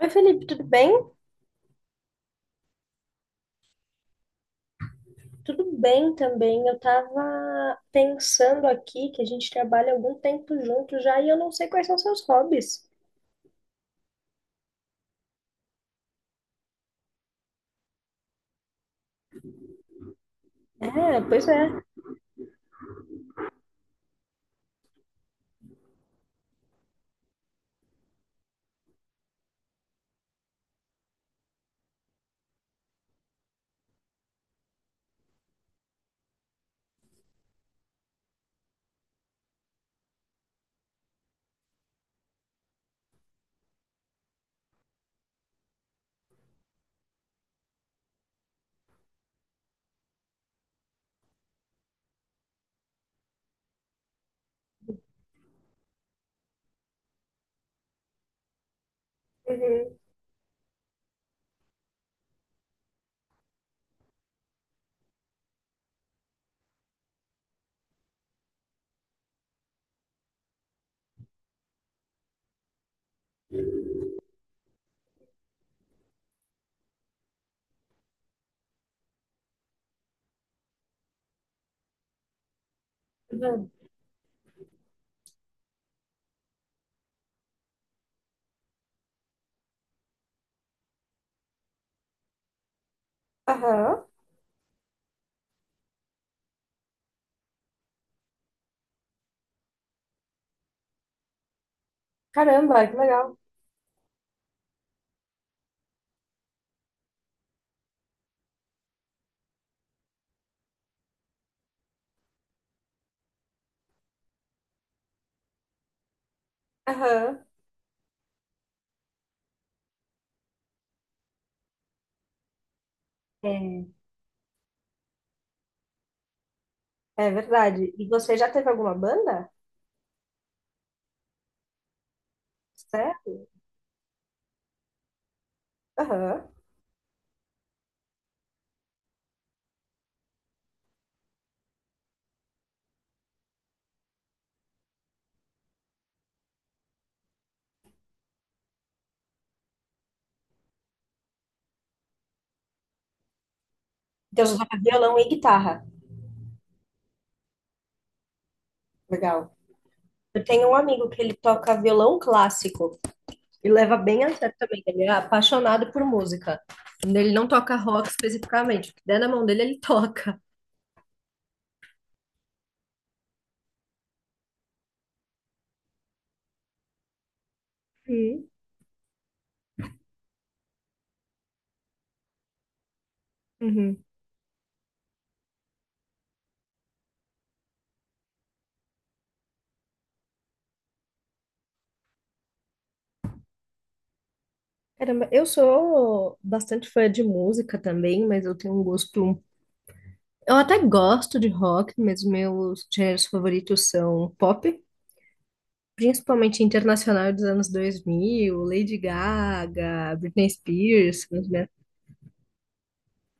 Oi, Felipe, tudo bem? Tudo bem também. Eu tava pensando aqui que a gente trabalha algum tempo junto já e eu não sei quais são seus hobbies. É, pois é. Uhum. Uhum. Aham. Caramba, que legal. Aham. É, É verdade. E você já teve alguma banda? Sério? Aham. Então você toca violão e guitarra. Legal. Eu tenho um amigo que ele toca violão clássico. E leva bem a sério também. Ele é apaixonado por música. Ele não toca rock especificamente. O que der na mão dele, ele toca. Uhum, uhum. Caramba, eu sou bastante fã de música também, mas eu tenho um gosto. Eu até gosto de rock, mas meus gêneros favoritos são pop, principalmente internacional dos anos 2000, Lady Gaga, Britney Spears, são os.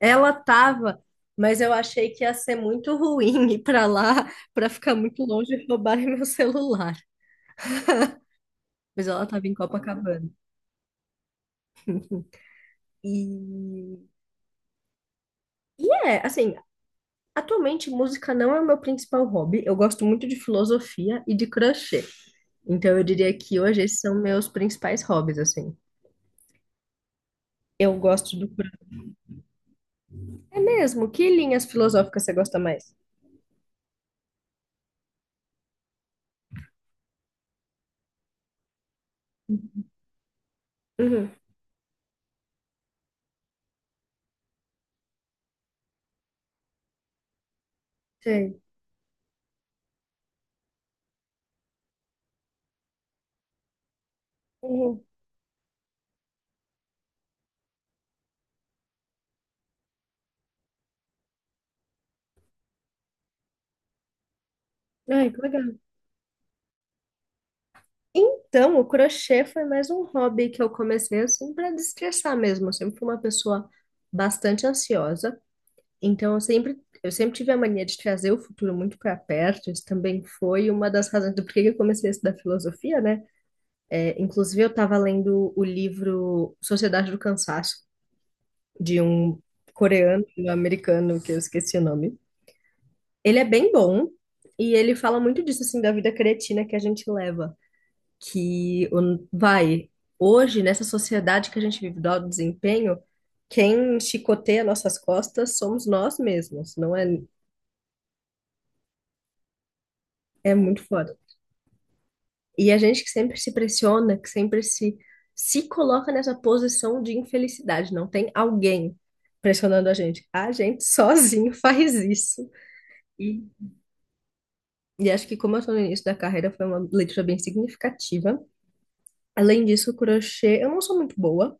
Ela tava, mas eu achei que ia ser muito ruim ir pra lá, pra ficar muito longe e roubarem meu celular. Mas ela tava em Copacabana. E, e é, assim, atualmente música não é o meu principal hobby. Eu gosto muito de filosofia e de crochê. Então eu diria que hoje esses são meus principais hobbies, assim. Eu gosto do crochê. É mesmo? Que linhas filosóficas você gosta mais? Uhum, sei. Uhum. Ai, que legal. Então, o crochê foi mais um hobby que eu comecei assim para destressar mesmo. Eu sempre fui uma pessoa bastante ansiosa, então eu sempre tive a mania de trazer o futuro muito para perto. Isso também foi uma das razões do porquê que eu comecei a estudar filosofia, né? É, inclusive eu estava lendo o livro Sociedade do Cansaço de um coreano, um americano que eu esqueci o nome. Ele é bem bom e ele fala muito disso assim da vida cretina que a gente leva. Que o- vai, hoje, nessa sociedade que a gente vive do alto desempenho, quem chicoteia nossas costas somos nós mesmos, não é, é muito foda. E a gente que sempre se pressiona, que sempre se, se coloca nessa posição de infelicidade, não tem alguém pressionando a gente. A gente sozinho faz isso. E, e acho que como eu tô no início da carreira, foi uma leitura bem significativa. Além disso, o crochê, eu não sou muito boa.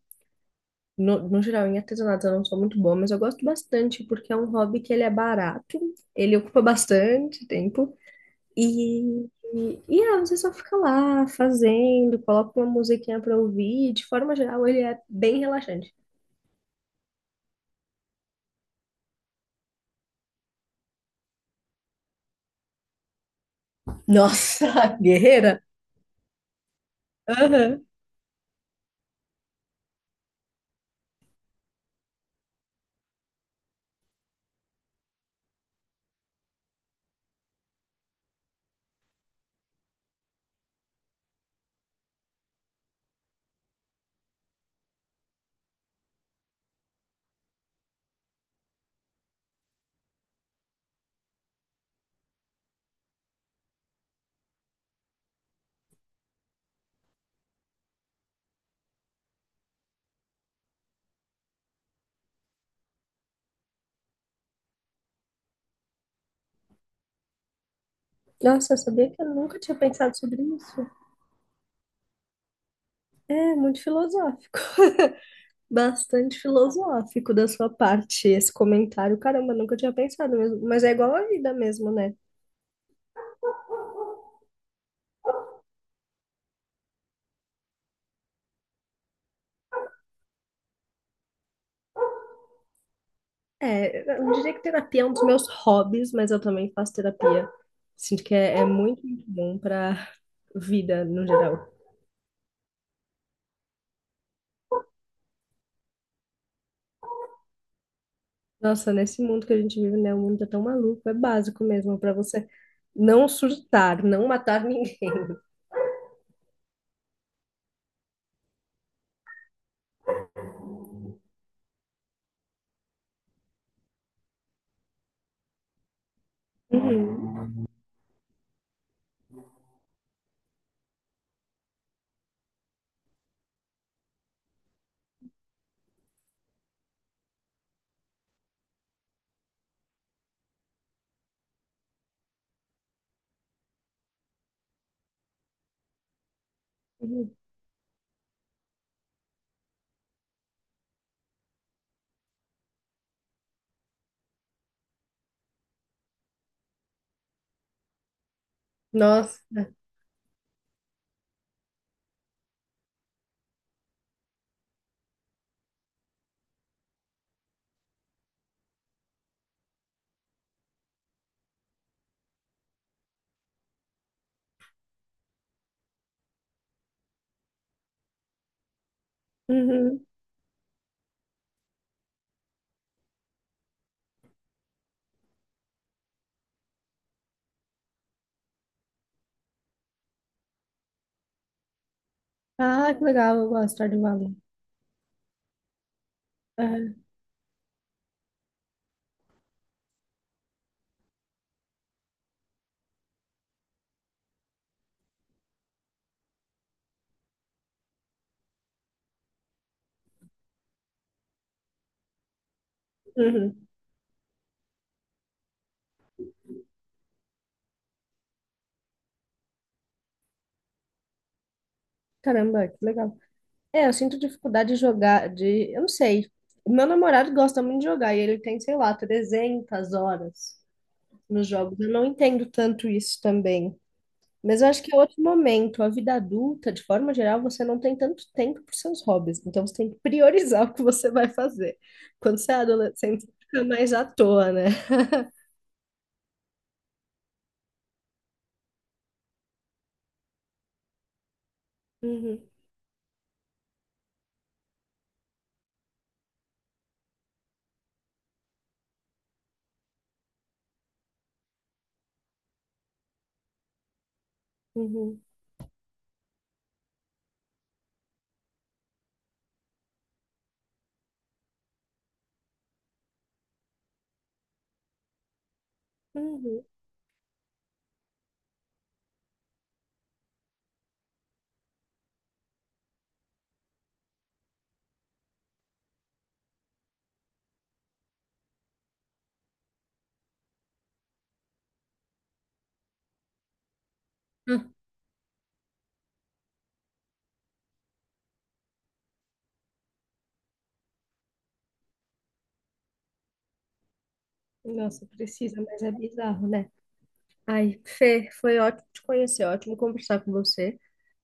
No geral, em artesanato eu não sou muito boa, mas eu gosto bastante porque é um hobby que ele é barato, ele ocupa bastante tempo e, e ah, você só fica lá fazendo, coloca uma musiquinha pra ouvir. De forma geral, ele é bem relaxante. Nossa, guerreira! Aham. Nossa, eu sabia que eu nunca tinha pensado sobre isso. É muito filosófico. Bastante filosófico da sua parte esse comentário. Caramba, eu nunca tinha pensado mesmo. Mas é igual a vida mesmo, né? É, eu não diria que terapia é um dos meus hobbies, mas eu também faço terapia. Sinto que é muito, muito bom para vida no geral. Nossa, nesse mundo que a gente vive, né? O mundo tá tão maluco, é básico mesmo para você não surtar, não matar ninguém. Uhum, uhum. Nossa. Uhum. Ah, que legal, eu gosto de Stardew Valley. Uhum. Uhum. Caramba, que legal. É, eu sinto dificuldade de jogar, de, eu não sei. O meu namorado gosta muito de jogar e ele tem, sei lá, 300 horas nos jogos. Eu não entendo tanto isso também. Mas eu acho que é outro momento. A vida adulta, de forma geral, você não tem tanto tempo para seus hobbies. Então você tem que priorizar o que você vai fazer. Quando você é adolescente, você fica mais à toa, né? Uhum, uhum, uhum. Ah, nossa, precisa, mas é bizarro, né? Ai, Fê, foi ótimo te conhecer, ótimo conversar com você,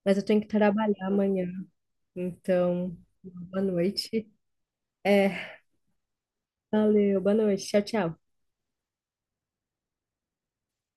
mas eu tenho que trabalhar amanhã, então, boa noite. É, valeu, boa noite, tchau, tchau.